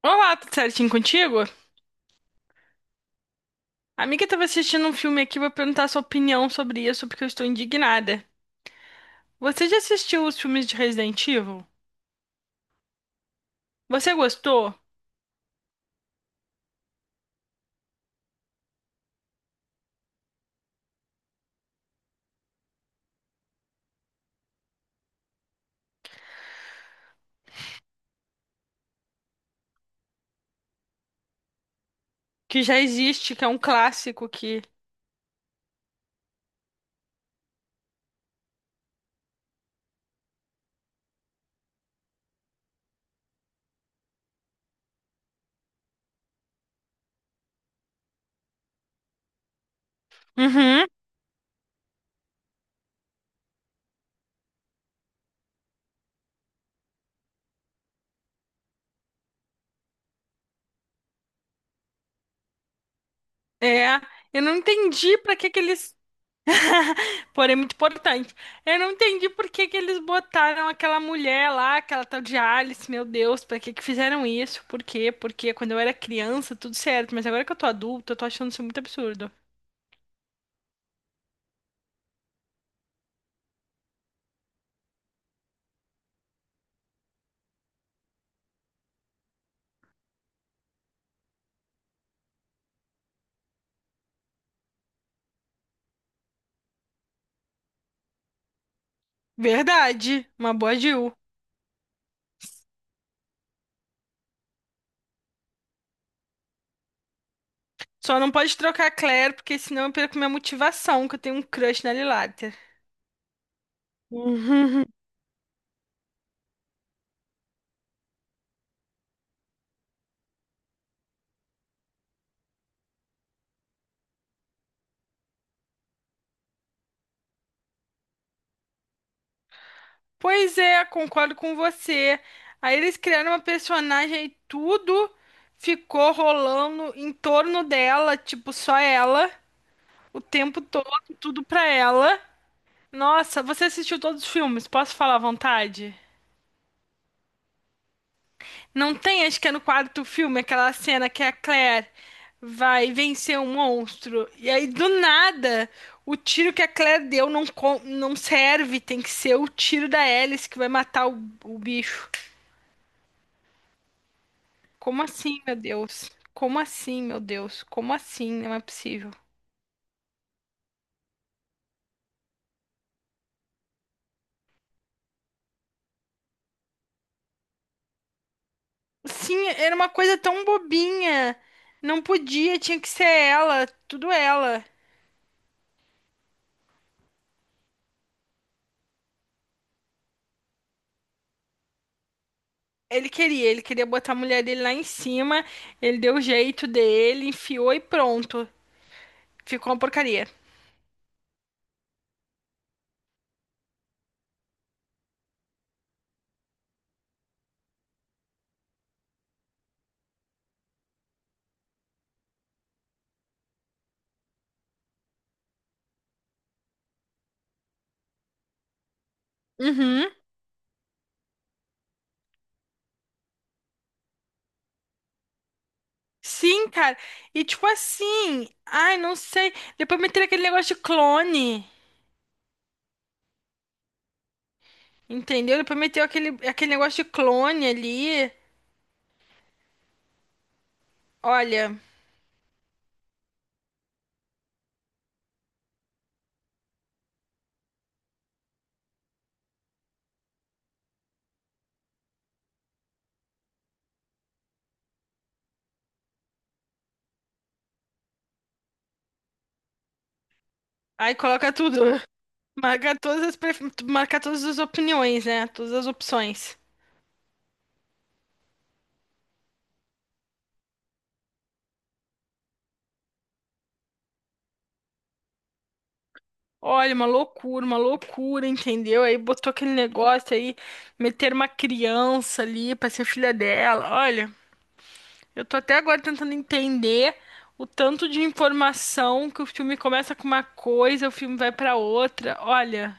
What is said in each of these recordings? Olá, tudo certinho contigo? A amiga estava assistindo um filme aqui, vou perguntar sua opinião sobre isso, porque eu estou indignada. Você já assistiu os filmes de Resident Evil? Você gostou? Que já existe, que é um clássico que. Uhum. É. Eu não entendi pra que que eles. Porém, é muito importante. Eu não entendi por que que eles botaram aquela mulher lá, aquela tal de Alice, meu Deus, pra que que fizeram isso? Por quê? Porque quando eu era criança, tudo certo, mas agora que eu tô adulta, eu tô achando isso muito absurdo. Verdade, uma boa Jill. Só não pode trocar a Claire, porque senão eu perco minha motivação, que eu tenho um crush na Lilater. Uhum. Pois é, concordo com você. Aí eles criaram uma personagem e tudo ficou rolando em torno dela, tipo, só ela, o tempo todo, tudo pra ela. Nossa, você assistiu todos os filmes? Posso falar à vontade? Não tem, acho que é no quarto filme, aquela cena que a Claire vai vencer um monstro. E aí, do nada, o tiro que a Claire deu não, não serve. Tem que ser o tiro da Alice que vai matar o bicho. Como assim, meu Deus? Como assim, meu Deus? Como assim? Não é possível. Sim, era uma coisa tão bobinha. Não podia, tinha que ser ela, tudo ela. Ele queria botar a mulher dele lá em cima, ele deu o jeito dele, enfiou e pronto. Ficou uma porcaria. Uhum. Sim, cara. E tipo assim, ai, não sei. Depois meteram aquele negócio de clone, entendeu? Depois meteu aquele negócio de clone ali. Olha, aí coloca tudo. Marca marca todas as opiniões, né? Todas as opções. Olha, uma loucura, entendeu? Aí botou aquele negócio aí, meter uma criança ali pra ser filha dela. Olha. Eu tô até agora tentando entender o tanto de informação que o filme começa com uma coisa, o filme vai pra outra. Olha,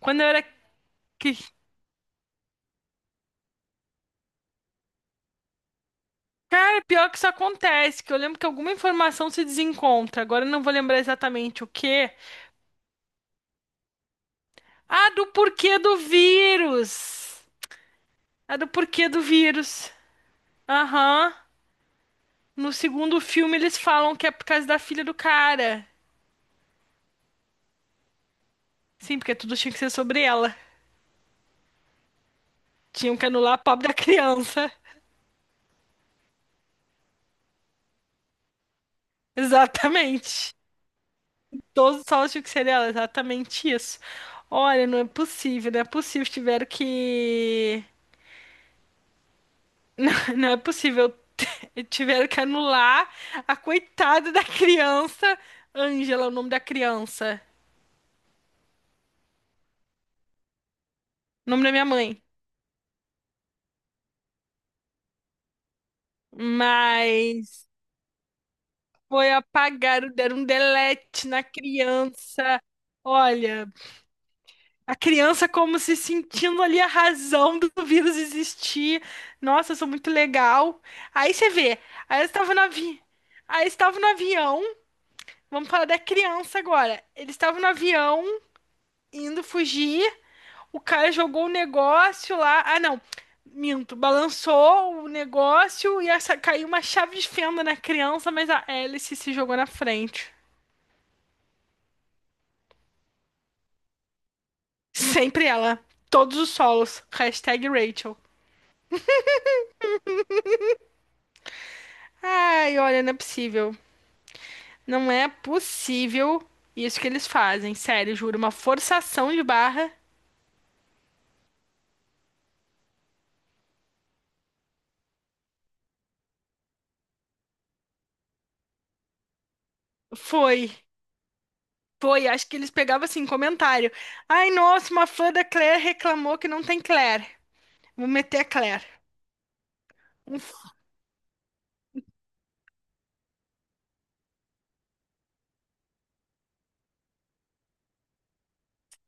quando eu era que é pior que isso acontece, que eu lembro que alguma informação se desencontra. Agora eu não vou lembrar exatamente o quê. Ah, do porquê do vírus. Ah, do porquê do vírus. Aham. No segundo filme eles falam que é por causa da filha do cara. Sim, porque tudo tinha que ser sobre ela. Tinham que anular a pobre da criança. Exatamente. Todos os salas de cereal, exatamente isso. Olha, não é possível, não é possível. Tiveram que. Não, não é possível. Tiveram que anular a coitada da criança. Ângela, é o nome da criança. O nome da minha mãe. Mas foi apagar, deram um delete na criança. Olha. A criança como se sentindo ali a razão do vírus existir. Nossa, isso é muito legal. Aí você vê, aí eu estava no avi... aí eu estava no avião. Vamos falar da criança agora. Ele estava no avião indo fugir. O cara jogou o negócio lá. Ah, não. Minto, balançou o negócio e essa... caiu uma chave de fenda na criança, mas a hélice se jogou na frente. Sempre ela. Todos os solos. Hashtag Rachel. Ai, olha, não é possível. Não é possível isso que eles fazem, sério, juro, uma forçação de barra. Foi, foi, acho que eles pegavam assim, comentário. Ai, nossa, uma fã da Claire reclamou que não tem Claire. Vou meter a Claire. Um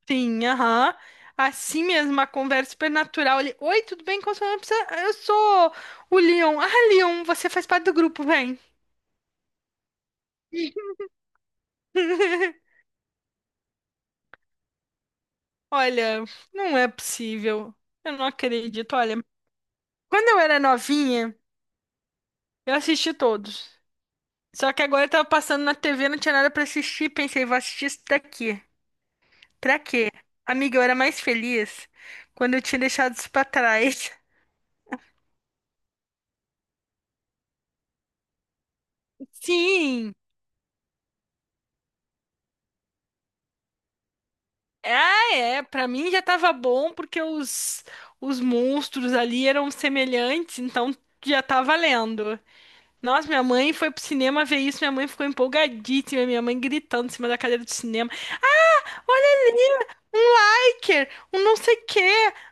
Sim, aham. Assim mesmo, uma conversa super natural ali. Oi, tudo bem? Como sua não precisa... Eu sou o Leon. Ah, Leon, você faz parte do grupo, vem. Olha, não é possível. Eu não acredito. Olha, quando eu era novinha, eu assisti todos. Só que agora eu tava passando na TV, não tinha nada pra assistir. Pensei, vou assistir isso daqui. Pra quê? Amiga, eu era mais feliz quando eu tinha deixado isso pra trás. Sim! Ah, é. Pra mim já tava bom porque os monstros ali eram semelhantes, então já tá valendo. Nossa, minha mãe foi pro cinema ver isso, minha mãe ficou empolgadíssima, minha mãe gritando em cima da cadeira do cinema. Olha ali, um liker, um não sei o quê,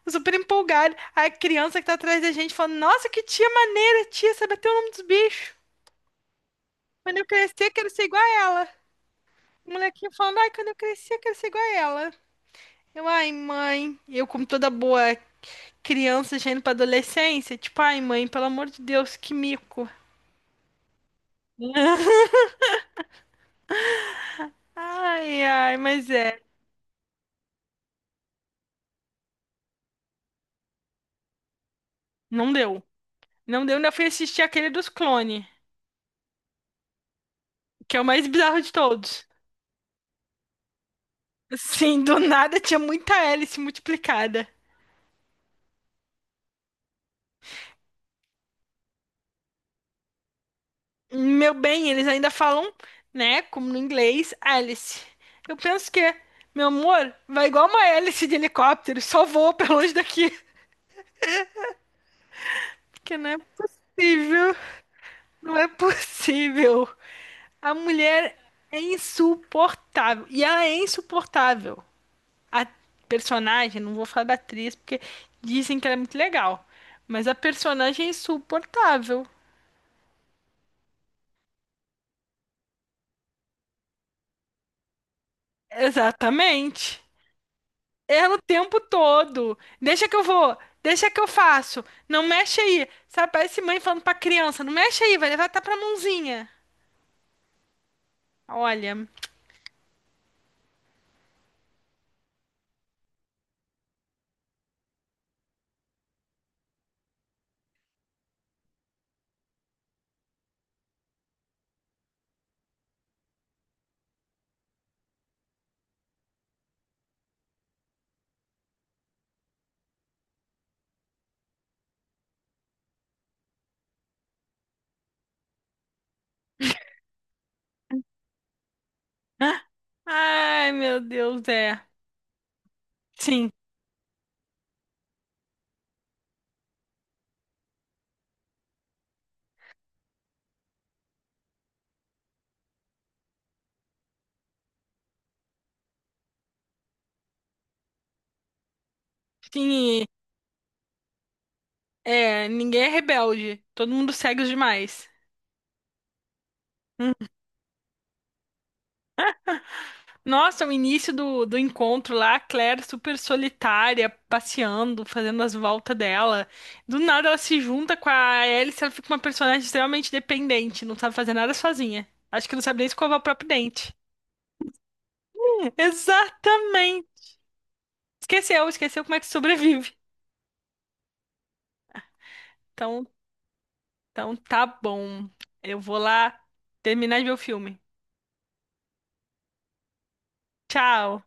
super empolgado. A criança que tá atrás da gente falando, nossa, que tia maneira, tia, sabe até o nome dos bichos. Quando eu crescer, quero ser igual a ela. O molequinho falando, ai, quando eu crescer, quero ser igual a ela. Eu, ai, mãe, eu como toda boa criança já indo pra adolescência, tipo, ai, mãe, pelo amor de Deus, que mico. Ai, ai, mas é, não deu. Não deu, ainda fui assistir aquele dos clones, que é o mais bizarro de todos. Sim, do nada tinha muita hélice multiplicada. Meu bem, eles ainda falam, né, como no inglês, hélice. Eu penso que, meu amor, vai igual uma hélice de helicóptero, só voa pra longe daqui. Porque não é possível, não é possível. A mulher é insuportável. E ela é insuportável. A personagem, não vou falar da atriz, porque dizem que ela é muito legal. Mas a personagem é insuportável. Exatamente. Ela o tempo todo. Deixa que eu vou, deixa que eu faço. Não mexe aí. Sabe, parece mãe falando pra criança, não mexe aí, vai levar até pra mãozinha. Olha. Ah, ai, meu Deus, é. Sim, sim. É, ninguém é rebelde. Todo mundo segue os demais. Nossa, o início do encontro lá, a Claire super solitária, passeando, fazendo as voltas dela. Do nada ela se junta com a Alice, ela fica uma personagem extremamente dependente, não sabe fazer nada sozinha. Acho que não sabe nem escovar o próprio dente. Exatamente! Esqueceu, esqueceu como é que sobrevive. Então, então tá bom. Eu vou lá terminar de ver o filme. Tchau!